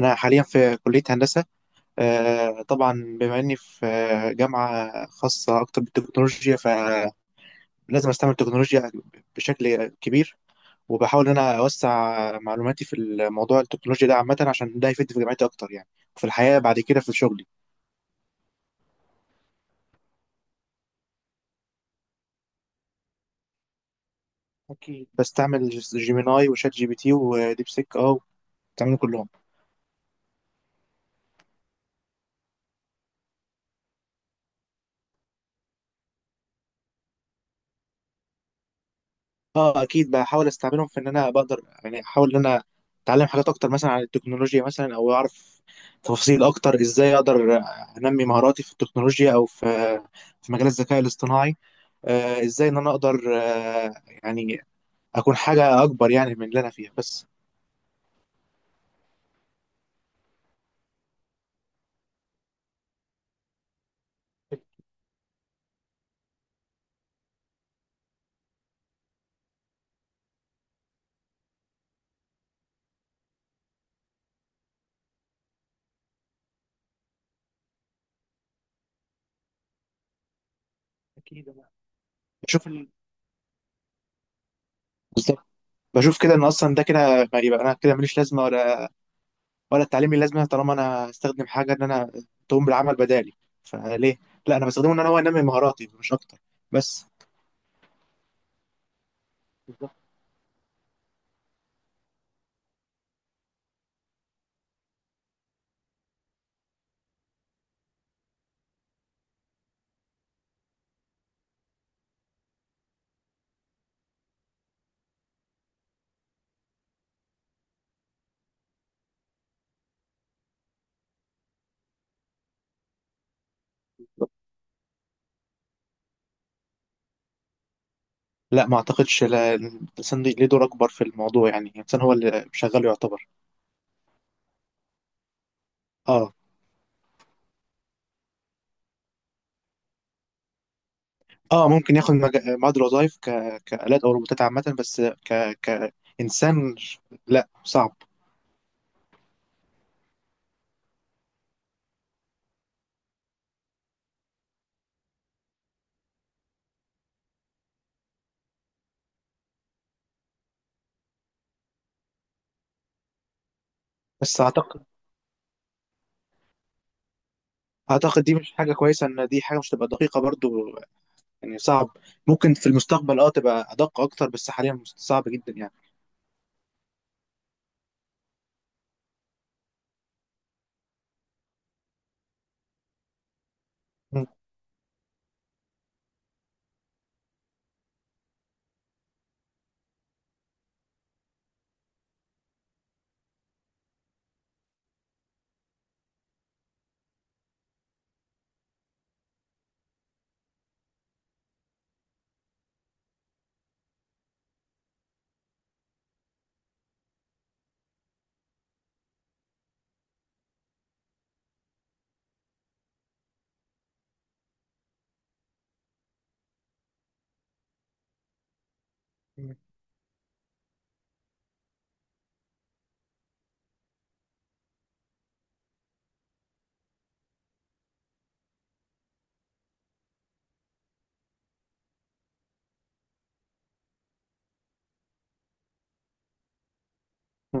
أنا حاليا في كلية هندسة. آه، طبعا. بما إني في جامعة خاصة أكتر بالتكنولوجيا، فلازم أستعمل تكنولوجيا بشكل كبير. وبحاول إن أنا أوسع معلوماتي في الموضوع التكنولوجيا ده عامة، عشان ده يفيدني في جامعتي أكتر يعني، وفي الحياة بعد كده في شغلي. أكيد بستعمل جيميناي وشات جي بي تي وديب سيك. بستعملهم كلهم. اه، اكيد بحاول استعملهم في ان انا بقدر، يعني احاول ان انا اتعلم حاجات اكتر مثلا عن التكنولوجيا، مثلا او اعرف تفاصيل اكتر، ازاي اقدر انمي مهاراتي في التكنولوجيا او في مجال الذكاء الاصطناعي. ازاي ان انا اقدر آه يعني اكون حاجة اكبر يعني من اللي انا فيها بس. اكيد أنا. بشوف ال... بالظبط. بشوف كده ان اصلا ده كده، ما يبقى انا كده ماليش لازمه ولا التعليم ليه لازمه، طالما انا هستخدم حاجه ان انا تقوم بالعمل بدالي. فليه؟ لا، انا بستخدمه ان انا هو انمي مهاراتي مش اكتر بس. بالظبط. بالظبط. لا ما اعتقدش، لا الانسان ليه دور اكبر في الموضوع، يعني الانسان هو اللي شغال يعتبر. اه. اه، ممكن ياخد بعض الوظائف كآلات او روبوتات عامة، بس كإنسان لا، صعب. بس اعتقد دي مش حاجة كويسة، ان دي حاجة مش تبقى دقيقة برضو، يعني صعب. ممكن في المستقبل تبقى ادق اكتر، بس حاليا صعب جدا يعني. م- م- م.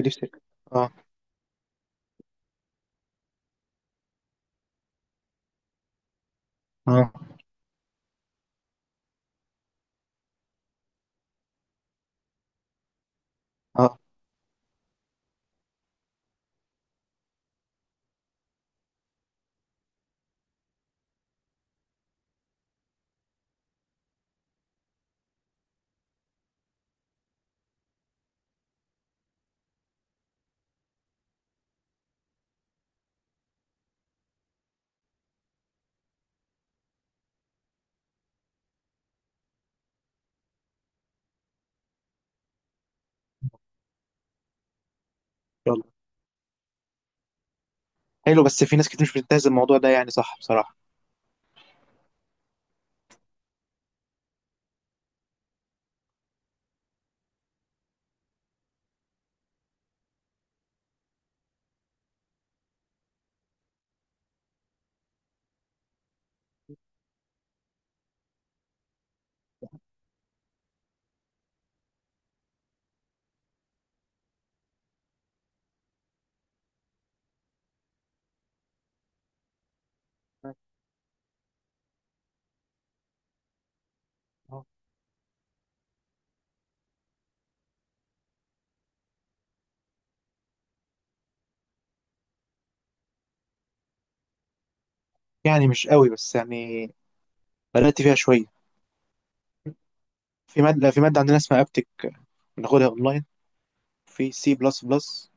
دي الفكرة. اه، اه، اه. يلا. حلو، بس في ناس كتير مش بتنتهز الموضوع ده، يعني صح بصراحة. يعني مش قوي، بس يعني بدأت فيها شوية. في مادة عندنا اسمها ابتك، بناخدها اونلاين في سي بلس بلس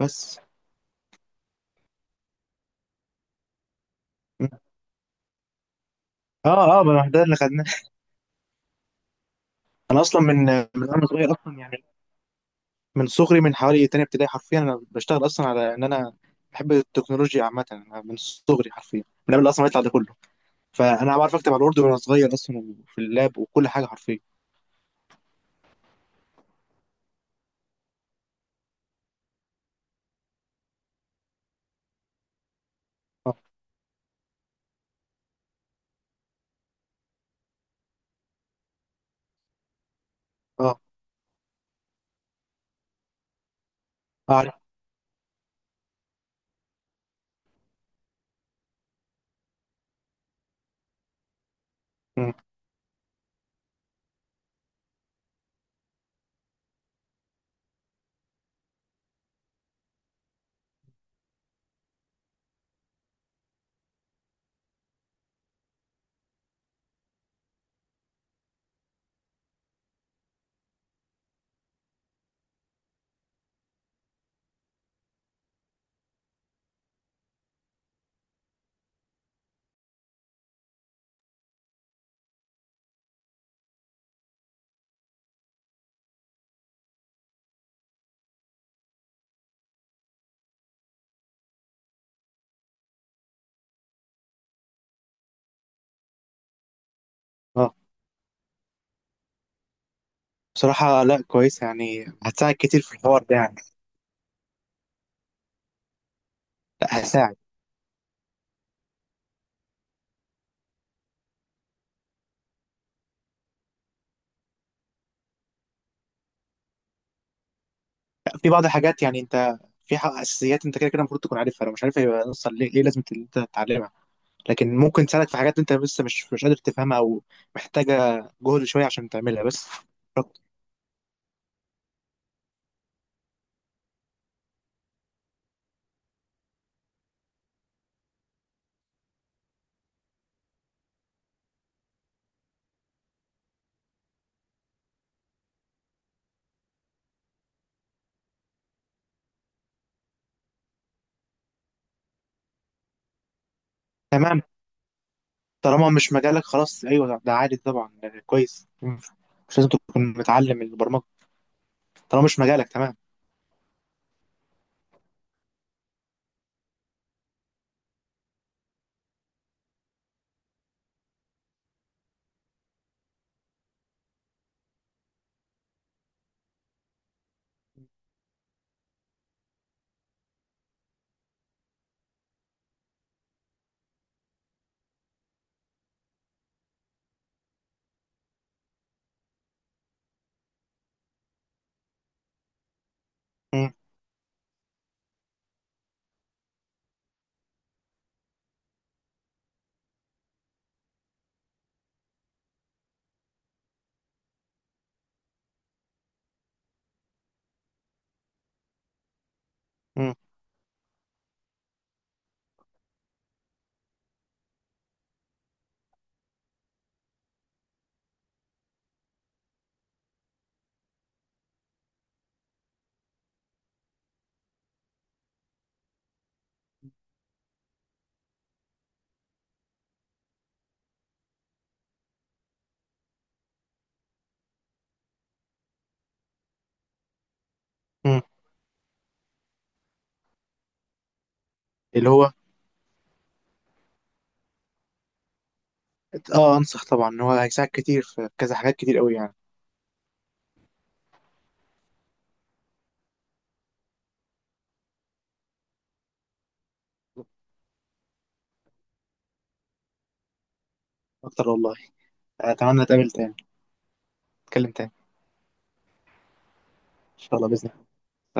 بس. اه، اه، ما ده اللي خدناه. انا اصلا من وانا صغير اصلا يعني، من صغري، من حوالي تانية ابتدائي حرفيا، انا بشتغل اصلا على ان انا بحب التكنولوجيا عامة. أنا من صغري حرفيا، من قبل اصلا ما يطلع ده كله، فانا بعرف اكتب على الوورد وانا صغير اصلا في اللاب، وكل حاجة حرفيا. اه، اه، اعرف. مم. اه، بصراحة لا كويس، يعني هتساعد كتير في الحوار ده يعني. لا، هتساعد. في بعض الحاجات، يعني انت في حق اساسيات انت كده كده المفروض تكون عارفها، لو مش عارفها يبقى نص ليه لازم ان انت تتعلمها. لكن ممكن تساعدك في حاجات انت لسه مش قادر تفهمها، او محتاجه جهد شويه عشان تعملها بس. تمام. طالما مش مجالك خلاص، ايوه، ده عادي طبعا، كويس. مم. مش لازم تكون متعلم البرمجه طالما مش مجالك. تمام. مم. مم. مم. اللي هو اه انصح طبعا، ان هو هيساعد كتير في كذا حاجات كتير قوي يعني. اكتر والله. اتمنى اتقابل تاني، اتكلم تاني. ان شاء الله، باذن الله.